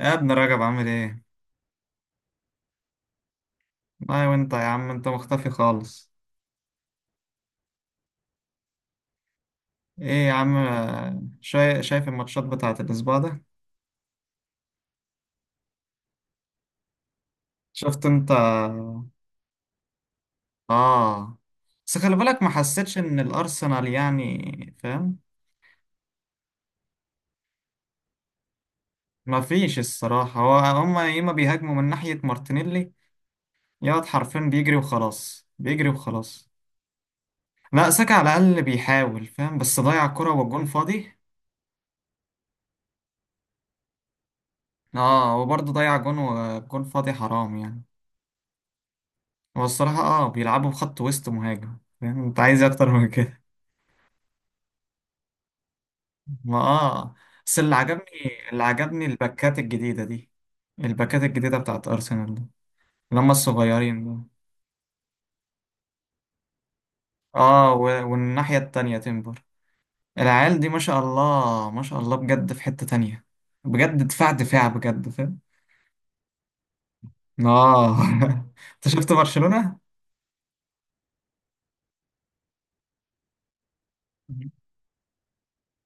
يا ابن رجب عامل ايه؟ والله وانت يا عم انت مختفي خالص. ايه يا عم. شايف الماتشات بتاعت الاسبوع ده؟ شفت انت. اه، بس خلي بالك ما حسيتش ان الارسنال يعني فاهم؟ ما فيش الصراحة، هو هما يا اما بيهاجموا من ناحية مارتينيلي. يا واد حرفيا بيجري وخلاص، بيجري وخلاص. لا، ساكا على الاقل بيحاول فاهم، بس ضيع كرة والجون فاضي. اه وبرضه ضيع جون والجون فاضي، حرام يعني. هو الصراحة اه بيلعبوا بخط وسط مهاجم، فاهم انت عايز إيه اكتر من كده. ما اه بس اللي عجبني، الباكات الجديدة دي. الباكات الجديدة بتاعت ارسنال دي، اللي هم الصغيرين دول. اه و... والناحية التانية تيمبر. العيال دي ما شاء الله ما شاء الله بجد، في حتة تانية. بجد دفاع، بجد فاهم. اه انت شفت برشلونة؟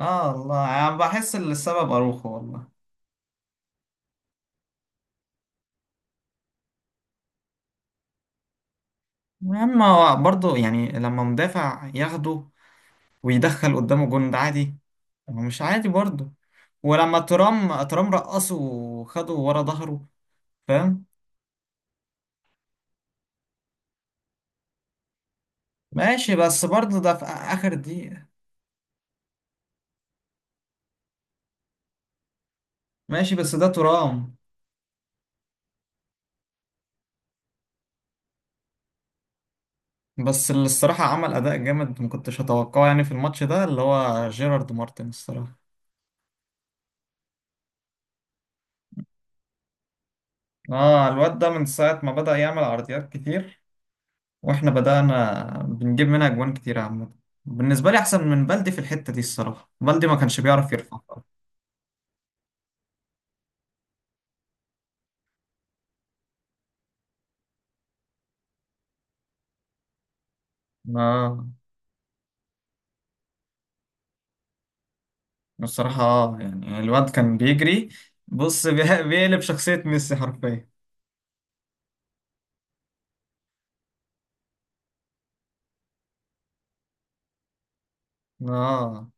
اه والله انا يعني بحس ان السبب اروخو والله. المهم هو برضه يعني، لما مدافع ياخده ويدخل قدامه جون ده عادي؟ هو مش عادي برضه. ولما ترام رقصه وخده ورا ظهره، فاهم. ماشي بس برضه ده في آخر دقيقة. ماشي بس ده ترام. بس اللي الصراحة عمل أداء جامد ما كنتش أتوقعه يعني في الماتش ده، اللي هو جيرارد مارتن الصراحة. اه الواد ده من ساعة ما بدأ يعمل عرضيات كتير، واحنا بدأنا بنجيب منها أجوان كتير عامة. بالنسبة لي أحسن من بلدي في الحتة دي الصراحة، بلدي ما كانش بيعرف يرفع. اه الصراحة، اه يعني الواد كان بيجري. بص بيقلب شخصية ميسي حرفيا. اه.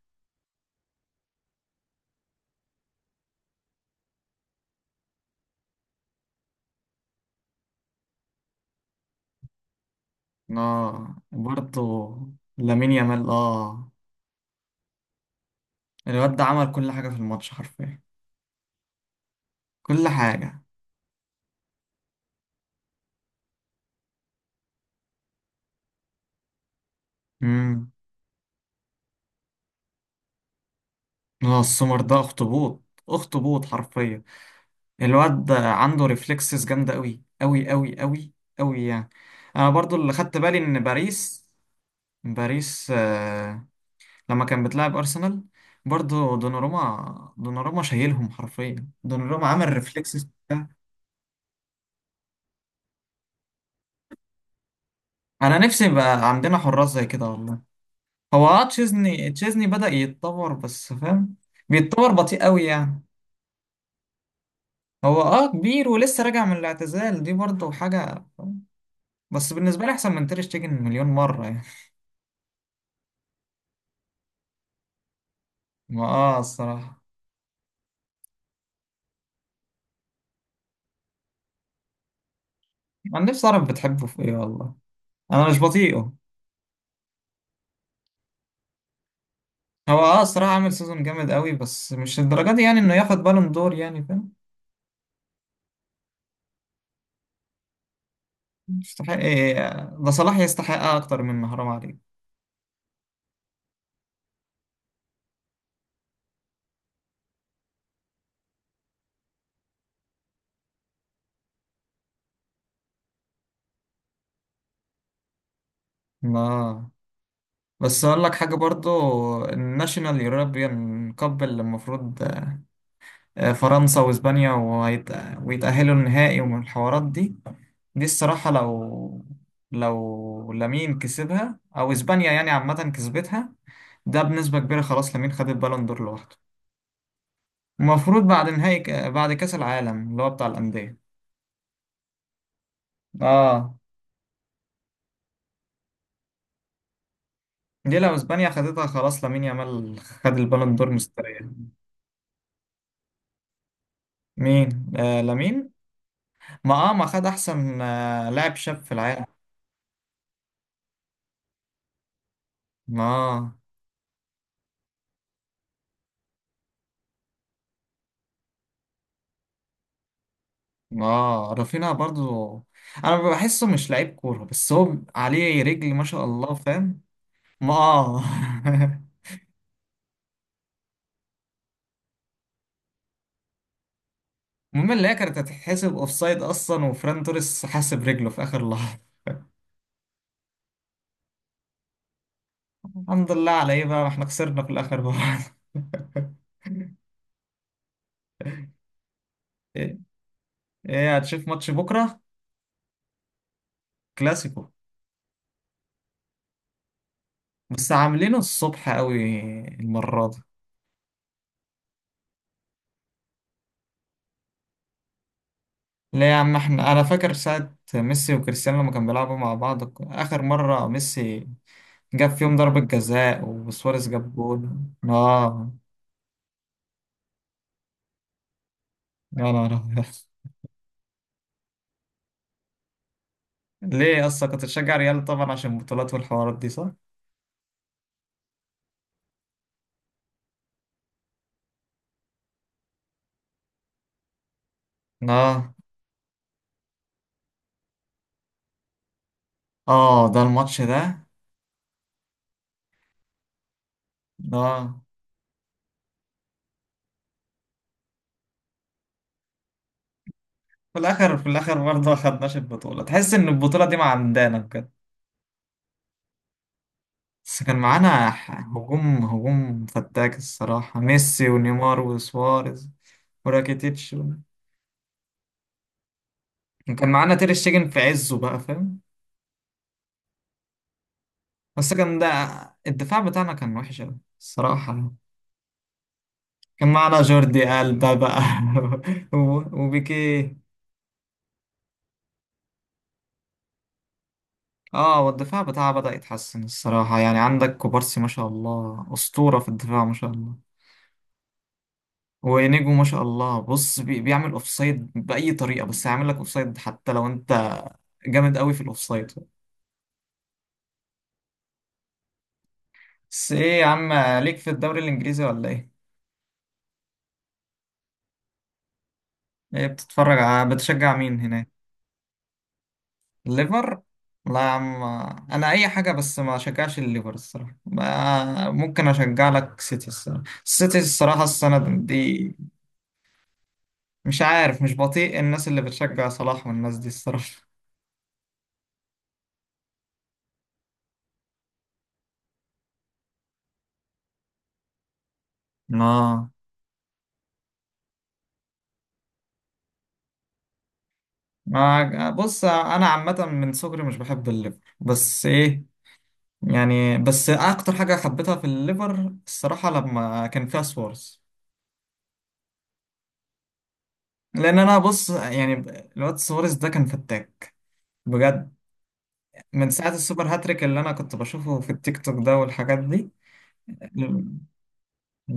اه برضه. لامين يامال اه. الواد ده عمل كل حاجة في الماتش حرفيا. كل حاجة. امم. اه السمر ده اخطبوط، اخطبوط حرفيا. الواد ده عنده ريفلكسز جامدة قوي قوي يعني. انا برضو اللي خدت بالي ان باريس، باريس آه، لما كان بتلعب أرسنال، برضه دوناروما، شايلهم حرفيا. دوناروما عمل ريفلكسز وبتاع. أنا نفسي يبقى عندنا حراس زي كده والله. هو اه تشيزني، بدأ يتطور بس فاهم. بيتطور بطيء قوي يعني. هو اه كبير، ولسه راجع من الاعتزال دي برضه حاجة فاهم؟ بس بالنسبة لي أحسن من تير شتيجن مليون مرة يعني. ما اه الصراحة. أنا نفسي أعرف بتحبه في إيه والله. أنا مش بطيئه. هو اه الصراحة عامل سيزون جامد قوي، بس مش الدرجة دي يعني إنه ياخد بالون دور يعني فاهم. يستحق إيه؟ ده صلاح يستحقها أكتر من، حرام عليك. لا، بس أقول لك حاجة برضو. الناشونال يوروبيان كاب اللي المفروض آه، فرنسا وإسبانيا ويتأهلوا النهائي ومن الحوارات دي. دي الصراحة لو، لو لامين كسبها أو إسبانيا يعني عامة كسبتها، ده بنسبة كبيرة خلاص لامين خد البالون دور لوحده. المفروض بعد نهائي بعد كأس العالم اللي هو بتاع الأندية. اه. دي لو اسبانيا خدتها، خلاص لامين يامال خد البالون دور مستريح. مين؟ آه لامين. ما خد احسن آه لاعب شاب في العالم. ما آه. ما آه، رافينها برضو. انا بحسه مش لعيب كوره، بس هو عليه رجل ما شاء الله فاهم. ما آه. المهم اللي هي كانت هتتحسب اوفسايد اصلا، وفران توريس حاسب رجله في اخر لحظه. الحمد لله على ايه بقى، ما احنا خسرنا في الاخر بقى. ايه. إيه، هتشوف ماتش بكره؟ كلاسيكو. بس عاملينه الصبح قوي المرة دي. ليه يا عم؟ احنا انا فاكر ساعة ميسي وكريستيانو لما كانوا بيلعبوا مع بعض اخر مرة، ميسي جاب فيهم ضربة جزاء وسواريز جاب جول. اه. يا نهار أبيض. ليه؟ اصلا كنت بتشجع ريال طبعا عشان البطولات والحوارات دي صح؟ اه. اه ده الماتش ده. اه. في الاخر، في الاخر برضه ما خدناش البطولة، تحس ان البطولة دي ما عندنا بجد. بس كان معانا هجوم، فتاك الصراحة، ميسي ونيمار وسواريز وراكيتيتش و- وكان معانا تير شتيجن في عزه بقى فاهم. بس كان ده، الدفاع بتاعنا كان وحش أوي الصراحة. كان معانا جوردي ألبا بقى، و- وبيكيه. اه والدفاع بتاعه بدأ يتحسن الصراحة، يعني عندك كوبارسي ما شاء الله أسطورة في الدفاع ما شاء الله. وإنيجو ما شاء الله بص بيعمل أوفسايد بأي طريقة، بس هيعمل لك أوفسايد حتى لو أنت جامد قوي في الاوفسايد. بس ايه يا عم، ليك في الدوري الانجليزي ولا ايه؟ ايه بتتفرج بتشجع مين هناك؟ الليفر؟ لا يا عم. انا اي حاجه بس ما اشجعش الليفر الصراحه، ممكن اشجع لك سيتي الصراحه، السيتي الصراحه السنه دي. مش عارف، مش بطيء الناس اللي بتشجع صلاح والناس دي الصراحه. اه. ما بص انا عامه من صغري مش بحب الليفر بس ايه، يعني بس اكتر حاجه حبيتها في الليفر الصراحه لما كان فيها سوارز. لان انا بص يعني، الواد سواريز ده كان فتاك بجد، من ساعة السوبر هاتريك اللي انا كنت بشوفه في التيك توك ده والحاجات دي.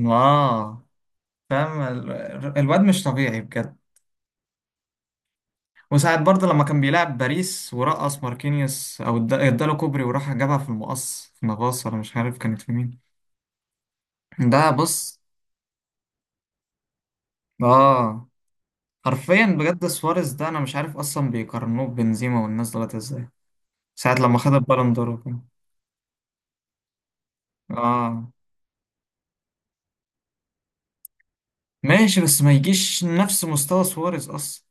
اه. فاهم الواد مش طبيعي بجد. وساعة برضه لما كان بيلعب باريس ورقص ماركينيوس او اداله كوبري وراح جابها في المقص في نافاس ولا مش عارف كانت في مين. ده بص، اه حرفيا بجد سواريز ده انا مش عارف اصلا بيقارنوه ببنزيما والناس دولت ازاي. ساعة لما خد البالون دور وكده. اه ماشي بس ما يجيش نفس مستوى سواريز اصلا.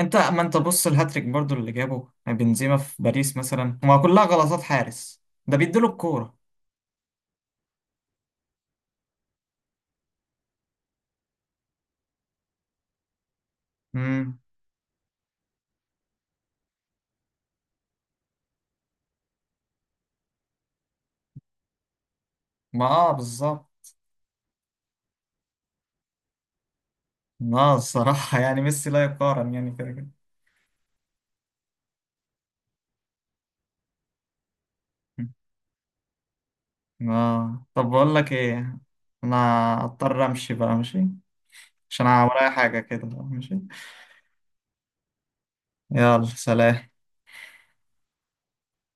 انت ما انت بص، الهاتريك برضو اللي جابه بنزيما في باريس مثلا هما كلها غلطات حارس ده بيديله الكورة. امم. ما اه بالظبط. ما آه، الصراحة يعني ميسي لا يقارن يعني كده كده. اه، طب بقول لك ايه، انا اضطر امشي بقى ماشي، عشان أنا ورايا حاجة كده ماشي. يلا سلام.